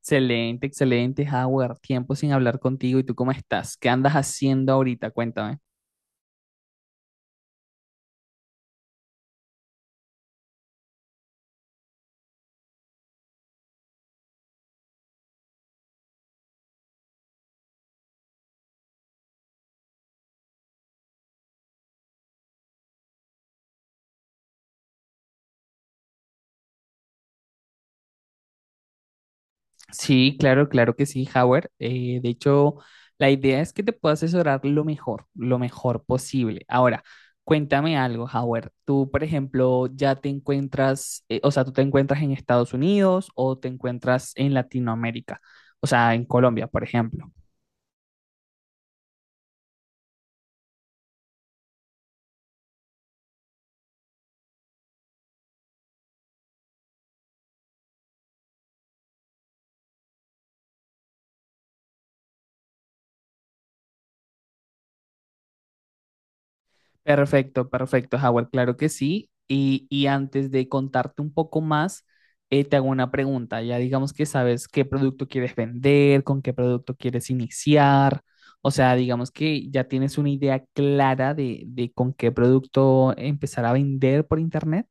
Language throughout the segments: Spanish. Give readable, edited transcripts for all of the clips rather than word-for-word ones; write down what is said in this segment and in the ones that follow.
Excelente, excelente, Howard. Tiempo sin hablar contigo. ¿Y tú cómo estás? ¿Qué andas haciendo ahorita? Cuéntame. Sí, claro, claro que sí, Howard. De hecho, la idea es que te pueda asesorar lo mejor posible. Ahora, cuéntame algo, Howard. Tú, por ejemplo, ya te encuentras, o sea, tú te encuentras en Estados Unidos o te encuentras en Latinoamérica, o sea, en Colombia, por ejemplo. Perfecto, perfecto, Howard, claro que sí. Y antes de contarte un poco más, te hago una pregunta. Ya digamos que sabes qué producto quieres vender, con qué producto quieres iniciar. O sea, digamos que ya tienes una idea clara de con qué producto empezar a vender por internet.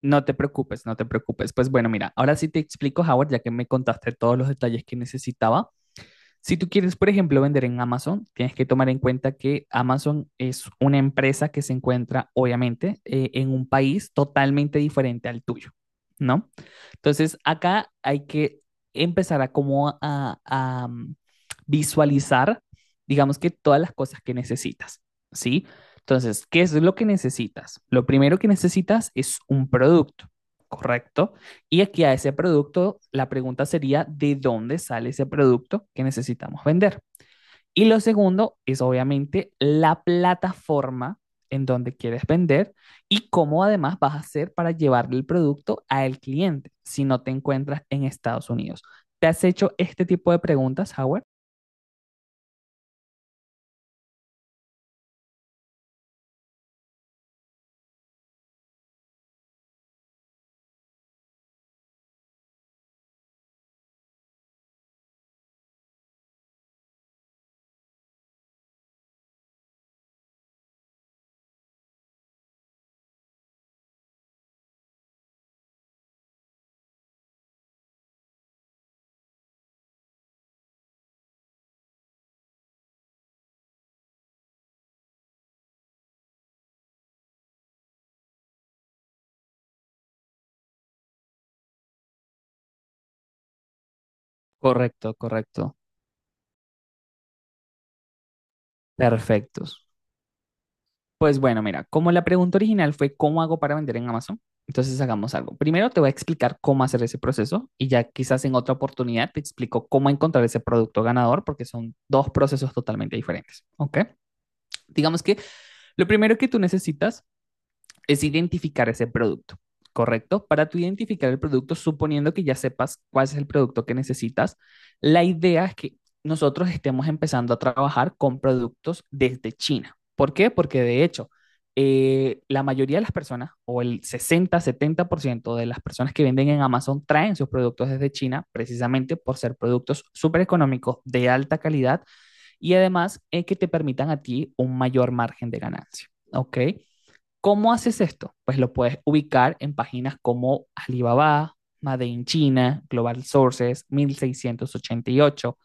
No te preocupes, no te preocupes. Pues bueno, mira, ahora sí te explico, Howard, ya que me contaste todos los detalles que necesitaba. Si tú quieres, por ejemplo, vender en Amazon, tienes que tomar en cuenta que Amazon es una empresa que se encuentra, obviamente, en un país totalmente diferente al tuyo, ¿no? Entonces, acá hay que empezar a como a, mm, visualizar, digamos que todas las cosas que necesitas, ¿sí? Entonces, ¿qué es lo que necesitas? Lo primero que necesitas es un producto, ¿correcto? Y aquí a ese producto, la pregunta sería, ¿de dónde sale ese producto que necesitamos vender? Y lo segundo es obviamente la plataforma en donde quieres vender y cómo además vas a hacer para llevarle el producto al cliente si no te encuentras en Estados Unidos. ¿Te has hecho este tipo de preguntas, Howard? Correcto, correcto. Perfectos. Pues bueno, mira, como la pregunta original fue ¿cómo hago para vender en Amazon? Entonces hagamos algo. Primero te voy a explicar cómo hacer ese proceso y ya quizás en otra oportunidad te explico cómo encontrar ese producto ganador porque son dos procesos totalmente diferentes, ¿ok? Digamos que lo primero que tú necesitas es identificar ese producto, ¿correcto? Para tú identificar el producto, suponiendo que ya sepas cuál es el producto que necesitas, la idea es que nosotros estemos empezando a trabajar con productos desde China. ¿Por qué? Porque de hecho, la mayoría de las personas, o el 60-70% de las personas que venden en Amazon, traen sus productos desde China precisamente por ser productos súper económicos, de alta calidad y además es que te permitan a ti un mayor margen de ganancia, ¿ok? ¿Cómo haces esto? Pues lo puedes ubicar en páginas como Alibaba, Made in China, Global Sources, 1688, y ocho,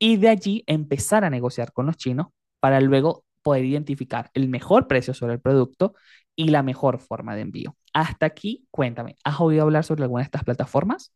y de allí empezar a negociar con los chinos para luego poder identificar el mejor precio sobre el producto y la mejor forma de envío. Hasta aquí, cuéntame, ¿has oído hablar sobre alguna de estas plataformas?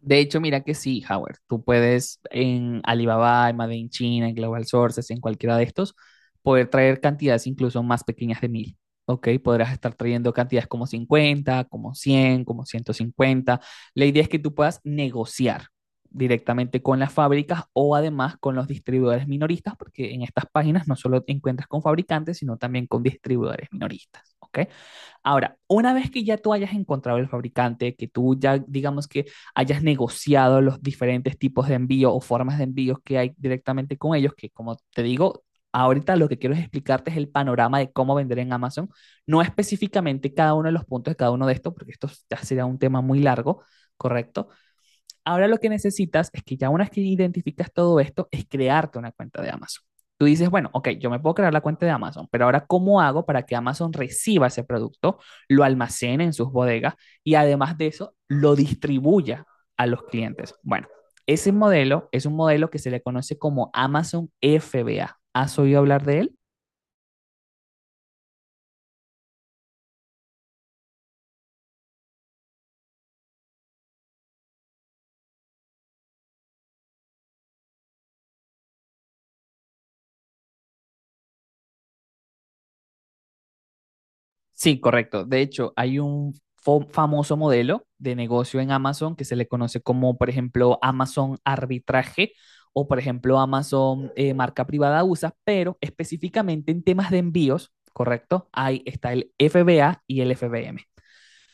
De hecho, mira que sí, Howard, tú puedes en Alibaba, en Made in China, en Global Sources, en cualquiera de estos, poder traer cantidades incluso más pequeñas de mil. ¿Ok? Podrás estar trayendo cantidades como 50, como 100, como 150. La idea es que tú puedas negociar directamente con las fábricas o además con los distribuidores minoristas, porque en estas páginas no solo te encuentras con fabricantes, sino también con distribuidores minoristas, ¿ok? Ahora, una vez que ya tú hayas encontrado el fabricante, que tú ya digamos que hayas negociado los diferentes tipos de envío o formas de envíos que hay directamente con ellos, que como te digo, ahorita lo que quiero es explicarte es el panorama de cómo vender en Amazon, no específicamente cada uno de los puntos de cada uno de estos, porque esto ya sería un tema muy largo, ¿correcto? Ahora lo que necesitas es que ya una vez que identificas todo esto, es crearte una cuenta de Amazon. Tú dices, bueno, ok, yo me puedo crear la cuenta de Amazon, pero ahora ¿cómo hago para que Amazon reciba ese producto, lo almacene en sus bodegas y además de eso lo distribuya a los clientes? Bueno, ese modelo es un modelo que se le conoce como Amazon FBA. ¿Has oído hablar de él? Sí, correcto. De hecho, hay un famoso modelo de negocio en Amazon que se le conoce como, por ejemplo, Amazon arbitraje o, por ejemplo, Amazon marca privada USA, pero específicamente en temas de envíos, correcto, ahí está el FBA y el FBM.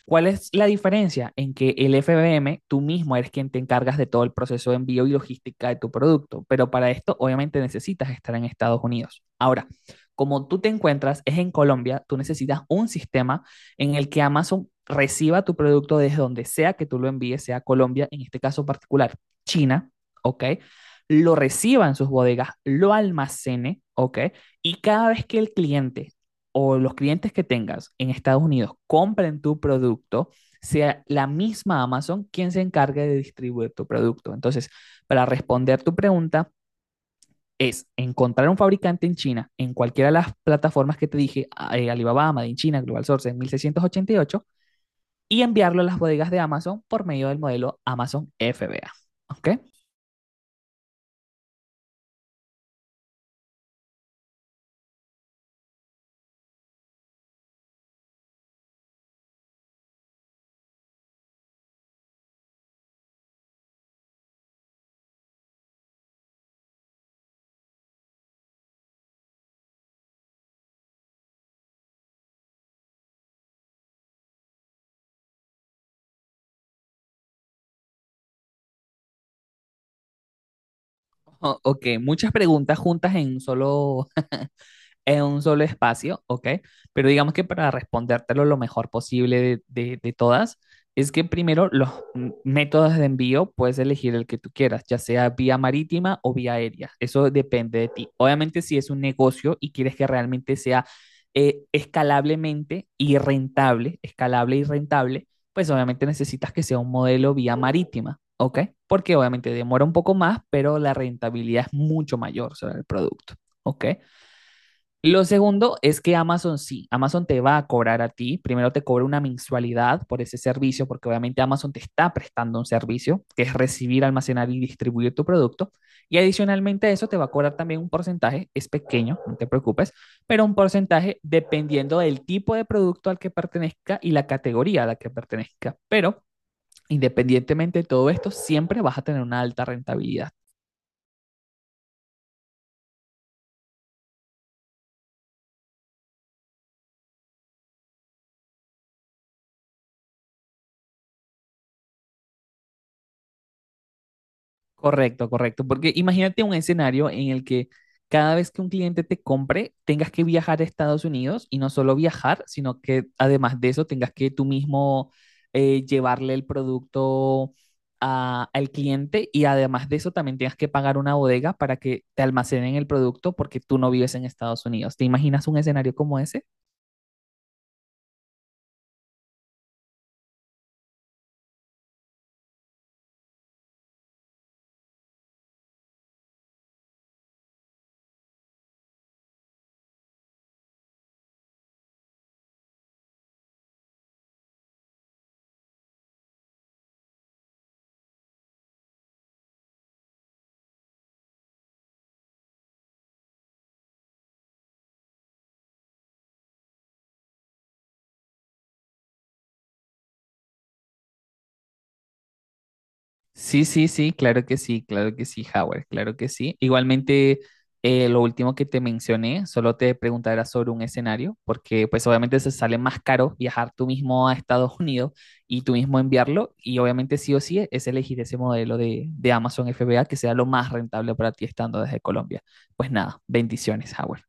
¿Cuál es la diferencia en que el FBM tú mismo eres quien te encargas de todo el proceso de envío y logística de tu producto? Pero para esto obviamente necesitas estar en Estados Unidos. Ahora, como tú te encuentras es en Colombia, tú necesitas un sistema en el que Amazon reciba tu producto desde donde sea que tú lo envíes, sea Colombia, en este caso particular, China, ¿ok? Lo reciba en sus bodegas, lo almacene, ¿ok? Y cada vez que el cliente o los clientes que tengas en Estados Unidos compren tu producto, sea la misma Amazon quien se encargue de distribuir tu producto. Entonces, para responder tu pregunta, es encontrar un fabricante en China, en cualquiera de las plataformas que te dije, Alibaba, Amazon, China, Global Sourcing, 1688 y enviarlo a las bodegas de Amazon por medio del modelo Amazon FBA. ¿Ok? Ok, muchas preguntas juntas en un solo espacio, ¿ok? Pero digamos que para respondértelo lo mejor posible de todas, es que primero los métodos de envío puedes elegir el que tú quieras, ya sea vía marítima o vía aérea. Eso depende de ti. Obviamente, si es un negocio y quieres que realmente sea escalable y rentable, pues obviamente necesitas que sea un modelo vía marítima, ¿ok? Porque obviamente demora un poco más, pero la rentabilidad es mucho mayor sobre el producto, ¿ok? Lo segundo es que Amazon sí, Amazon te va a cobrar a ti, primero te cobra una mensualidad por ese servicio, porque obviamente Amazon te está prestando un servicio, que es recibir, almacenar y distribuir tu producto, y adicionalmente a eso te va a cobrar también un porcentaje, es pequeño, no te preocupes, pero un porcentaje dependiendo del tipo de producto al que pertenezca y la categoría a la que pertenezca, pero independientemente de todo esto, siempre vas a tener una alta rentabilidad. Correcto, correcto. Porque imagínate un escenario en el que cada vez que un cliente te compre, tengas que viajar a Estados Unidos y no solo viajar, sino que además de eso tengas que tú mismo llevarle el producto al cliente y además de eso también tengas que pagar una bodega para que te almacenen el producto porque tú no vives en Estados Unidos. ¿Te imaginas un escenario como ese? Sí, sí, sí, claro que sí, claro que sí, Howard, claro que sí. Igualmente, lo último que te mencioné, solo te preguntará sobre un escenario, porque pues obviamente se sale más caro viajar tú mismo a Estados Unidos y tú mismo enviarlo, y obviamente sí o sí es elegir ese modelo de Amazon FBA que sea lo más rentable para ti estando desde Colombia. Pues nada, bendiciones, Howard.